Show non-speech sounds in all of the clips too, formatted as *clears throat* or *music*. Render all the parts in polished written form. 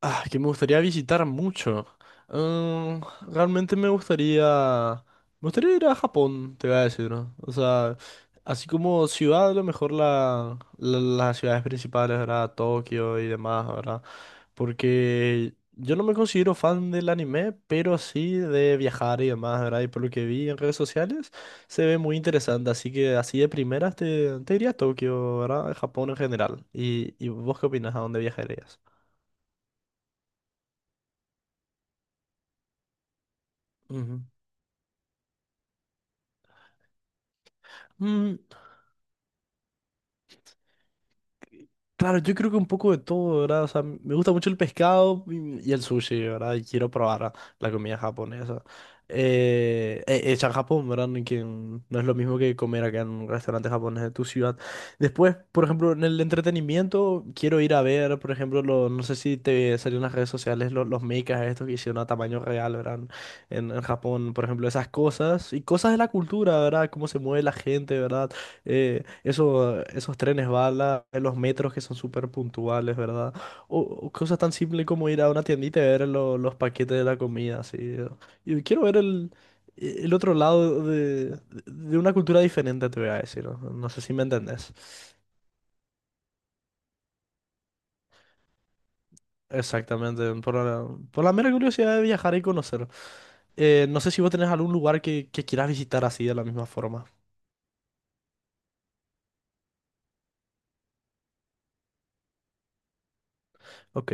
Ah, que me gustaría visitar mucho. Mm, Realmente me gustaría. Me gustaría ir a Japón, te voy a decir, ¿no? O sea, así como ciudad, a lo mejor las ciudades principales, ¿verdad? Tokio y demás, ¿verdad? Porque yo no me considero fan del anime, pero sí de viajar y demás, ¿verdad? Y por lo que vi en redes sociales, se ve muy interesante. Así que así de primeras te iría a Tokio, ¿verdad? Japón en general. ¿Y vos qué opinas? ¿A dónde viajarías? Ujú. Mm, claro, yo creo que un poco de todo, ¿verdad? O sea, me gusta mucho el pescado y el sushi, ¿verdad? Y quiero probar la comida japonesa. Hecha en Japón, ¿verdad? Ni que no es lo mismo que comer acá en un restaurante japonés de tu ciudad. Después, por ejemplo, en el entretenimiento, quiero ir a ver, por ejemplo, no sé si te salieron en las redes sociales los mechas estos que hicieron a tamaño real, ¿verdad? En Japón, por ejemplo, esas cosas y cosas de la cultura, ¿verdad? Cómo se mueve la gente, ¿verdad? Esos trenes bala, los metros que son súper puntuales, ¿verdad? O cosas tan simples como ir a una tiendita y ver los paquetes de la comida, así. Y quiero ver el otro lado de una cultura diferente, te voy a decir. No, no sé si me entendés. Exactamente, por la mera curiosidad de viajar y conocer. No sé si vos tenés algún lugar que quieras visitar así de la misma forma. Ok,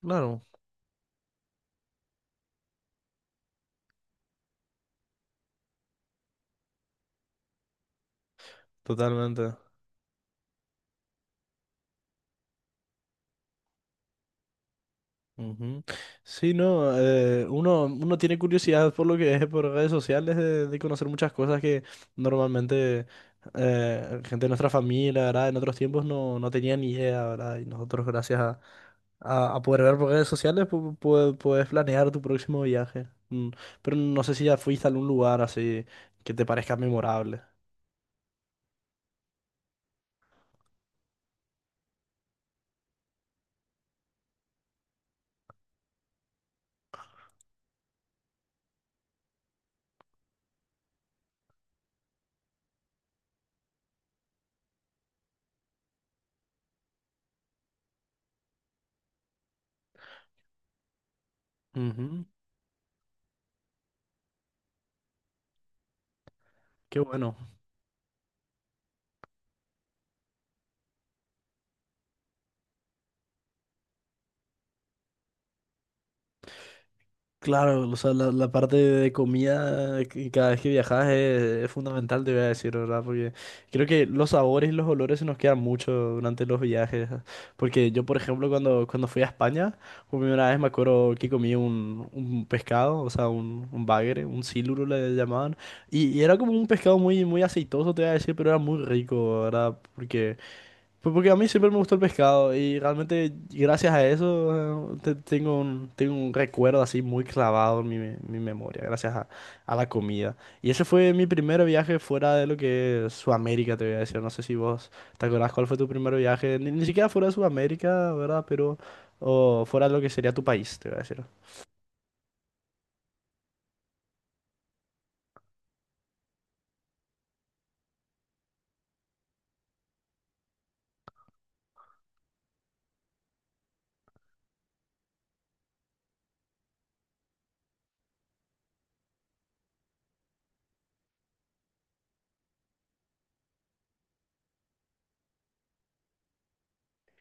claro, totalmente. Ujú. Sí, no, uno tiene curiosidad por lo que es por redes sociales de conocer muchas cosas que normalmente gente de nuestra familia, ¿verdad? En otros tiempos no tenía ni idea, ¿verdad? Y nosotros gracias a poder ver por redes sociales puedes planear tu próximo viaje. Pero no sé si ya fuiste a algún lugar así que te parezca memorable. Ujú. Qué bueno. Claro, o sea, la parte de comida que cada vez que viajas es fundamental, te voy a decir, ¿verdad? Porque creo que los sabores y los olores se nos quedan mucho durante los viajes. Porque yo, por ejemplo, cuando fui a España, por primera vez me acuerdo que comí un pescado, o sea, un bagre, un siluro le llamaban. Y era como un pescado muy, muy aceitoso, te voy a decir, pero era muy rico, ¿verdad? Porque, pues, porque a mí siempre me gustó el pescado y realmente gracias a eso tengo un recuerdo así muy clavado en mi memoria, gracias a la comida. Y ese fue mi primer viaje fuera de lo que es Sudamérica, te voy a decir. No sé si vos te acordás cuál fue tu primer viaje, ni siquiera fuera de Sudamérica, ¿verdad? Pero o fuera de lo que sería tu país, te voy a decir.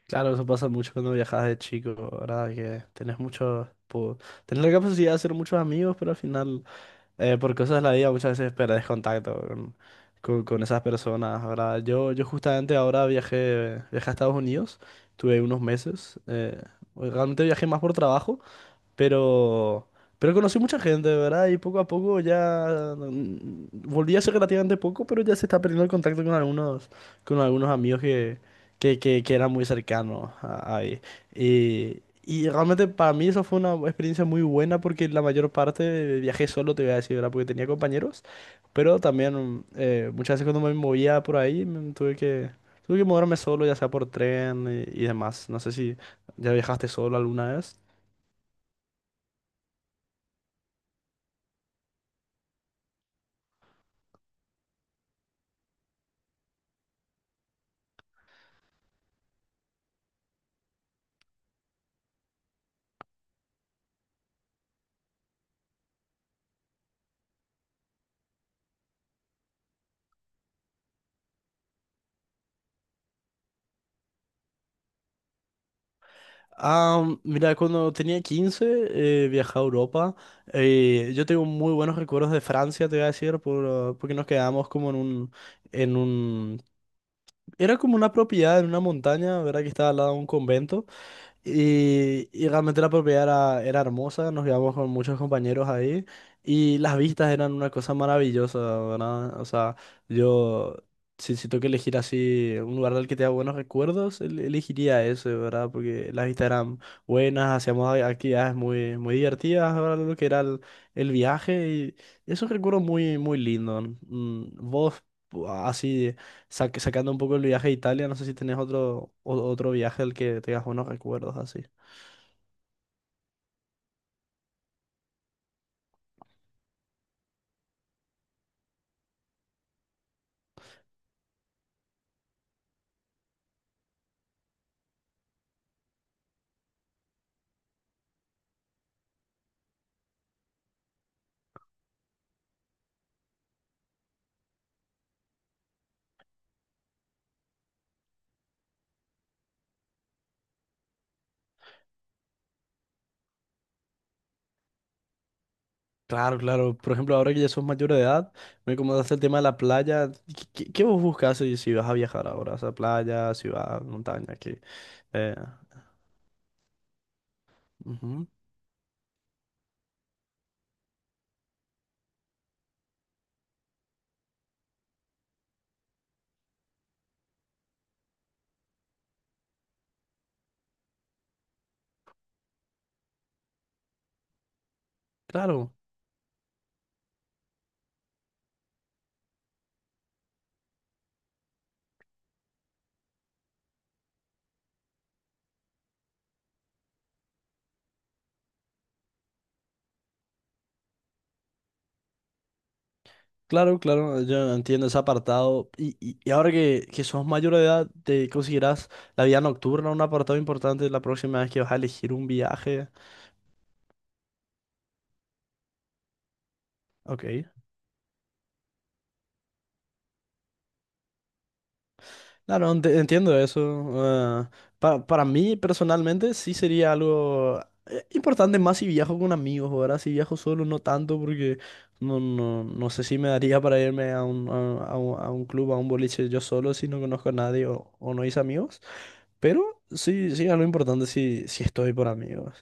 Claro, eso pasa mucho cuando viajas de chico, ¿verdad? Que tenés mucho, tenés la capacidad de hacer muchos amigos, pero al final... por cosas de la vida muchas veces perdés contacto con esas personas, ¿verdad? Yo justamente ahora viajé a Estados Unidos, tuve unos meses, realmente viajé más por trabajo, pero, pero conocí mucha gente, ¿verdad? Y poco a poco ya volví hace relativamente poco, pero ya se está perdiendo el contacto con algunos amigos que eran muy cercanos ahí. Y realmente para mí eso fue una experiencia muy buena porque la mayor parte viajé solo, te voy a decir, ¿verdad? Porque tenía compañeros, pero también muchas veces cuando me movía por ahí tuve que moverme solo, ya sea por tren y demás. No sé si ya viajaste solo alguna vez. Ah, mira, cuando tenía 15 viajé a Europa. Yo tengo muy buenos recuerdos de Francia, te voy a decir, porque nos quedamos como en un... Era como una propiedad en una montaña, ¿verdad? Que estaba al lado de un convento. Y realmente la propiedad era hermosa, nos íbamos con muchos compañeros ahí y las vistas eran una cosa maravillosa, ¿verdad? O sea, yo, si tengo que elegir así un lugar del que tenga buenos recuerdos, elegiría ese, ¿verdad? Porque las vistas eran buenas, hacíamos actividades muy, muy divertidas, ¿verdad? Lo que era el viaje y es un recuerdo muy, muy lindo. Vos, así. Sacando un poco el viaje a Italia, no sé si tenés otro viaje al que tengas buenos recuerdos así. Claro, claro. Por ejemplo, ahora que ya sos mayor de edad, me comentaste el tema de la playa. ¿Qué, qué vos buscas si vas a viajar ahora? O sea, playa, ciudad, montaña, qué. Eh, ujú. Claro, claro, claro. Yo entiendo ese apartado. Y ahora que sos mayor de edad, ¿te considerás la vida nocturna un apartado importante la próxima vez que vas a elegir un viaje? Ok. Claro, entiendo eso. Para mí personalmente sí sería algo importante más si viajo con amigos, ahora si viajo solo no tanto porque no, no, no sé si me daría para irme a un club, a un boliche yo solo si no conozco a nadie o no hice amigos. Pero sí, sí, algo importante si estoy por amigos,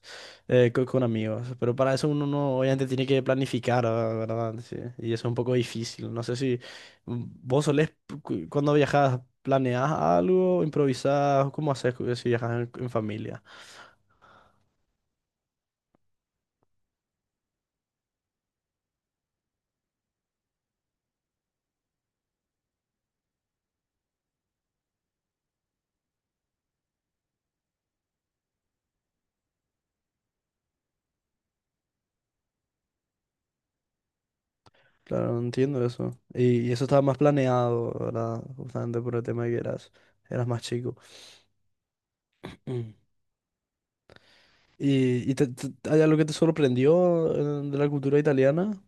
con, amigos. Pero para eso uno no, obviamente tiene que planificar, ¿verdad? Sí, y eso es un poco difícil. No sé si vos solés, cuando viajas, planeás algo, improvisás, ¿cómo haces si viajas en familia? Claro, no entiendo eso. Y eso estaba más planeado, ¿verdad? Justamente por el tema de que eras más chico. *clears throat* Mm. ¿Y hay algo que te sorprendió de la cultura italiana?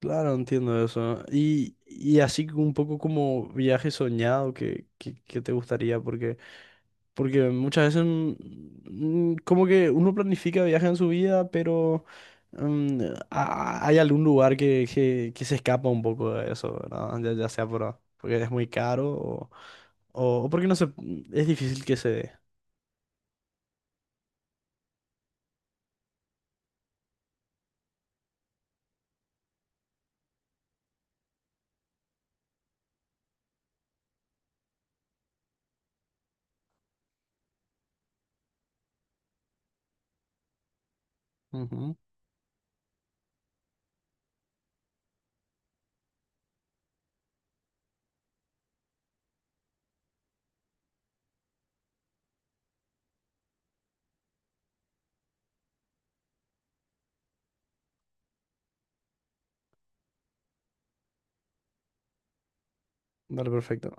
Claro, entiendo eso. Y así un poco como viaje soñado que te gustaría, porque muchas veces como que uno planifica viajes en su vida, pero mm, hay algún lugar que se escapa un poco de eso, ¿verdad? Ya sea porque es muy caro o porque no se, es difícil que se dé. Ujú. Vale, perfecto.